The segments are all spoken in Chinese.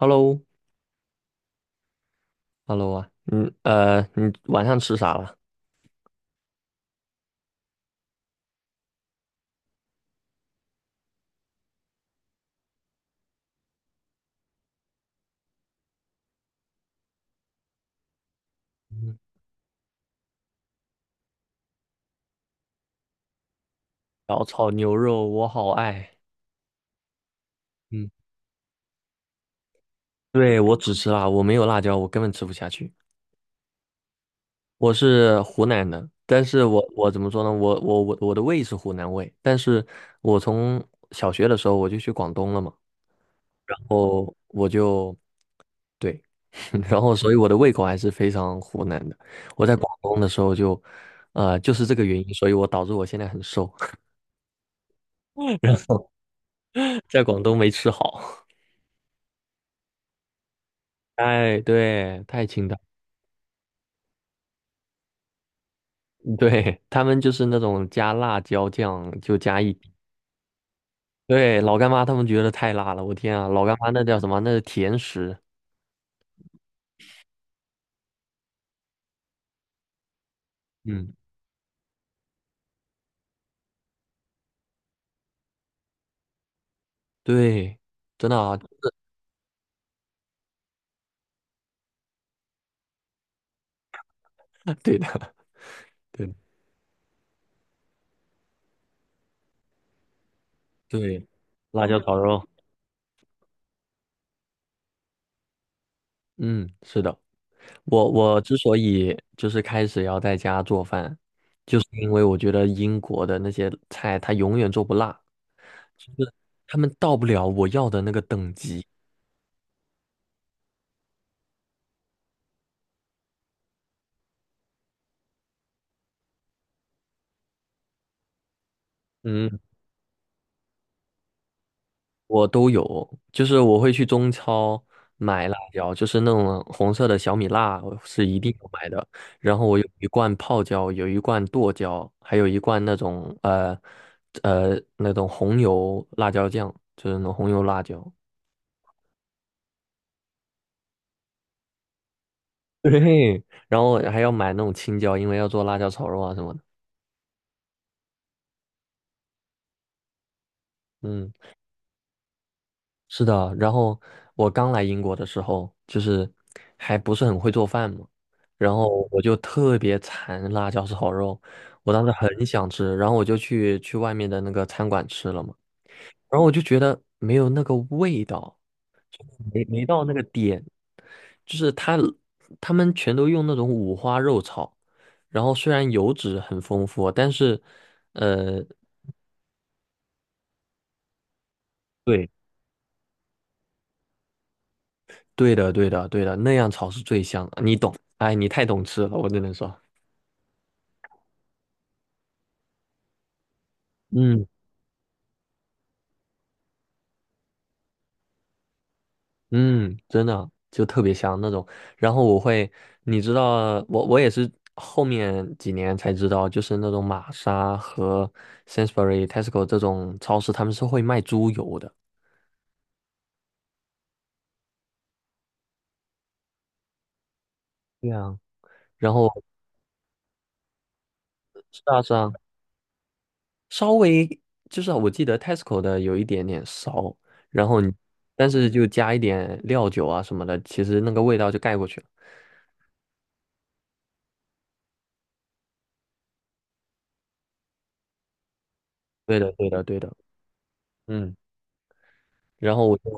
Hello，Hello。 啊，你晚上吃啥了？嗯。小炒牛肉，我好爱。嗯，对，我只吃辣，我没有辣椒，我根本吃不下去。我是湖南的，但是我怎么说呢？我的胃是湖南胃，但是我从小学的时候我就去广东了嘛，然后我就对，然后所以我的胃口还是非常湖南的。我在广东的时候就，就是这个原因，所以我导致我现在很瘦，然后在广东没吃好。哎，对，太清淡，对，他们就是那种加辣椒酱就加一滴，对，老干妈他们觉得太辣了，我天啊，老干妈那叫什么？那是甜食，嗯，对，真的啊，对的，对的。对对。辣椒炒肉，嗯，是的，我之所以就是开始要在家做饭，就是因为我觉得英国的那些菜它永远做不辣，就是们到不了我要的那个等级。嗯，我都有，就是我会去中超买辣椒，就是那种红色的小米辣，我是一定要买的。然后我有一罐泡椒，有一罐剁椒，还有一罐那种那种红油辣椒酱，就是那种红油辣椒。对，然后还要买那种青椒，因为要做辣椒炒肉啊什么的。嗯。是的，然后我刚来英国的时候，就是还不是很会做饭嘛，然后我就特别馋辣椒炒肉，我当时很想吃，然后我就去外面的那个餐馆吃了嘛，然后我就觉得没有那个味道，没没到那个点，就是他他们全都用那种五花肉炒，然后虽然油脂很丰富，但是呃，对。对的对的对的，那样炒是最香的你懂，哎，你太懂吃了，我只能说。嗯。嗯，真的就特别香那种。然后我会，你知道，我也是后面几年才知道，就是那种玛莎和 Sainsbury、Tesco 这种超市，他们是会卖猪油的。对啊，然后是啊是啊，稍微就是我记得 Tesco 的有一点点骚，然后你但是就加一点料酒啊什么的，其实那个味道就盖过去了。对的对的对的，嗯。然后我就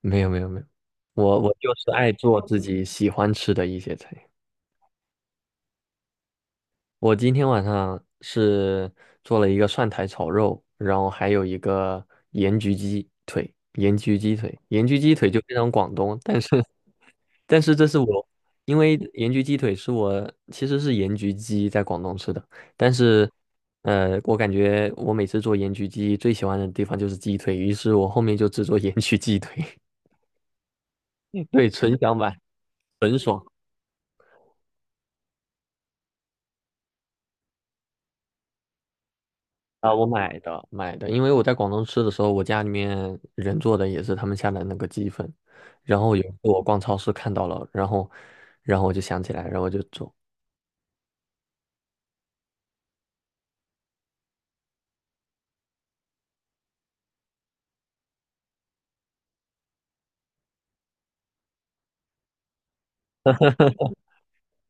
没有，我就是爱做自己喜欢吃的一些菜。我今天晚上是做了一个蒜苔炒肉，然后还有一个盐焗鸡腿，盐焗鸡腿就非常广东，但是但是这是我，因为盐焗鸡腿是我其实是盐焗鸡在广东吃的，但是我感觉我每次做盐焗鸡最喜欢的地方就是鸡腿，于是我后面就只做盐焗鸡腿，对，纯享版，纯爽。啊，我买的买的，因为我在广东吃的时候，我家里面人做的也是他们下的那个鸡粉，然后有一次我逛超市看到了，然后我就想起来，然后我就做，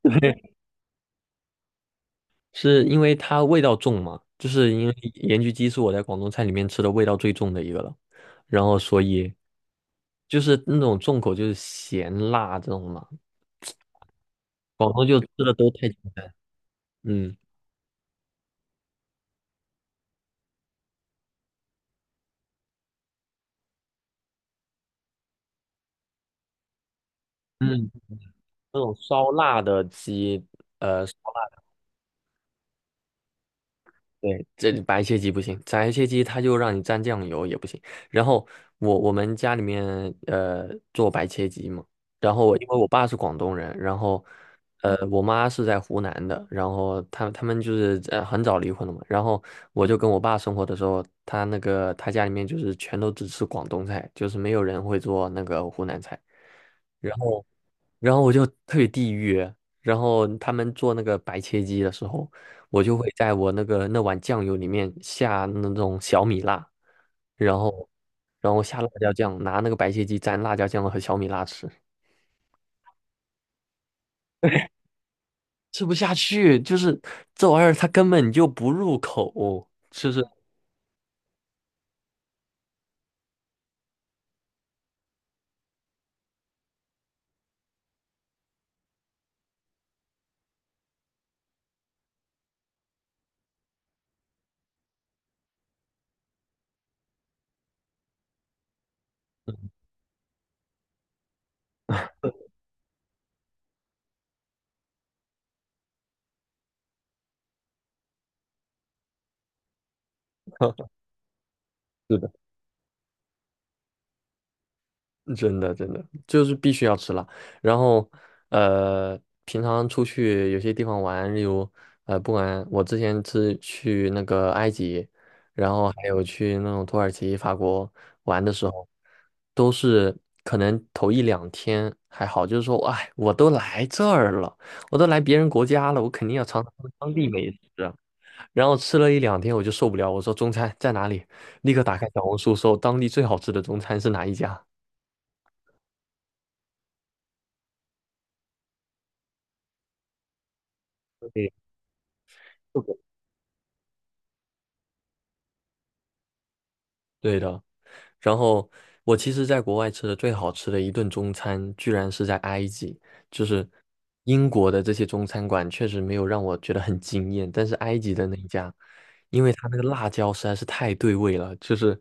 是因为它味道重嘛，就是因为盐焗鸡是我在广东菜里面吃的味道最重的一个了，然后所以就是那种重口就是咸辣这种嘛，广东就吃的都太简单，嗯。嗯，那种烧辣的鸡对，这里白切鸡不行，白切鸡它就让你蘸酱油也不行。然后我们家里面呃做白切鸡嘛，然后我因为我爸是广东人，然后呃我妈是在湖南的，然后他们就是很早离婚了嘛，然后我就跟我爸生活的时候，他那个他家里面就是全都只吃广东菜，就是没有人会做那个湖南菜，然后然后我就特别地狱，然后他们做那个白切鸡的时候，我就会在我那碗酱油里面下那种小米辣，然后然后下辣椒酱，拿那个白切鸡蘸辣椒酱和小米辣吃，吃不下去，就是这玩意儿它根本就不入口，就是。是的。真的真的就是必须要吃辣。然后呃，平常出去有些地方玩，例如不管我之前是去那个埃及，然后还有去那种土耳其、法国玩的时候，都是可能头一两天还好，就是说，哎，我都来这儿了，我都来别人国家了，我肯定要尝尝他们当地美食啊。然后吃了一两天，我就受不了，我说中餐在哪里？立刻打开小红书搜当地最好吃的中餐是哪一家。对，是的，对的。然后我其实在国外吃的最好吃的一顿中餐，居然是在埃及，就是英国的这些中餐馆确实没有让我觉得很惊艳，但是埃及的那一家，因为它那个辣椒实在是太对味了，就是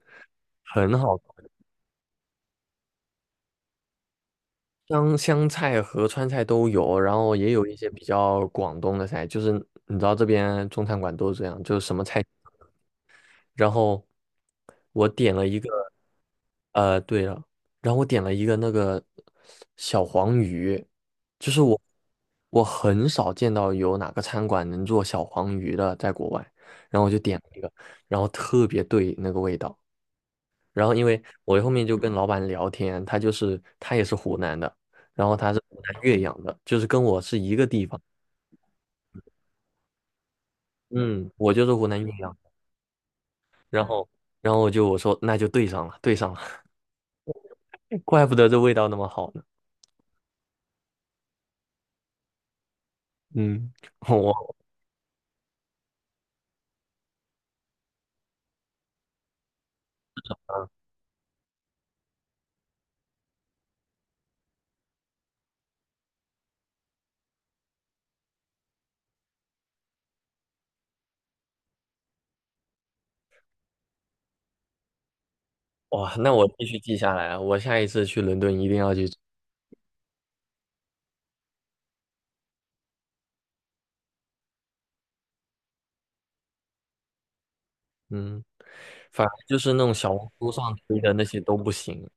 很好吃，香香菜和川菜都有，然后也有一些比较广东的菜，就是你知道这边中餐馆都是这样，就是什么菜。然后我点了一个，对了，然后我点了一个那个小黄鱼，就是我很少见到有哪个餐馆能做小黄鱼的，在国外，然后我就点了一个，然后特别对那个味道。然后因为我后面就跟老板聊天，他也是湖南的，然后他是湖南岳阳的，就是跟我是一个地方，嗯，我就是湖南岳阳，然后然后我就我说那就对上了，对上了。怪不得这味道那么好呢。嗯，我哇，那我必须记下来啊！我下一次去伦敦一定要去吃。嗯，反正就是那种小红书上推的那些都不行，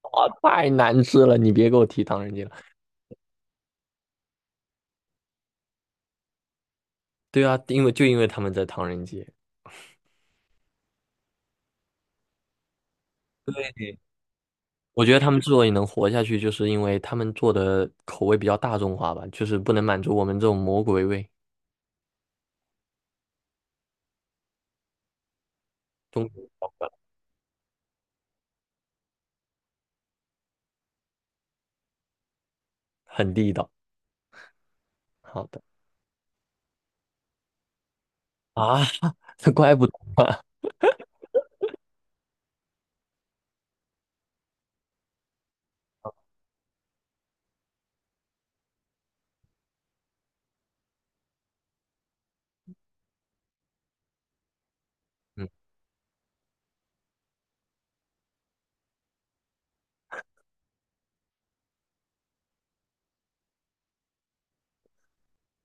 哇，太难吃了！你别给我提唐人街了。对啊，因为他们在唐人街，我觉得他们之所以能活下去，就是因为他们做的口味比较大众化吧，就是不能满足我们这种魔鬼味，中国口味很地道。好的。啊，这怪不得啊。嗯，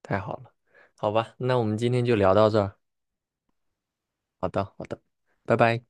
太好了，好吧，那我们今天就聊到这儿。好的，好的，拜拜。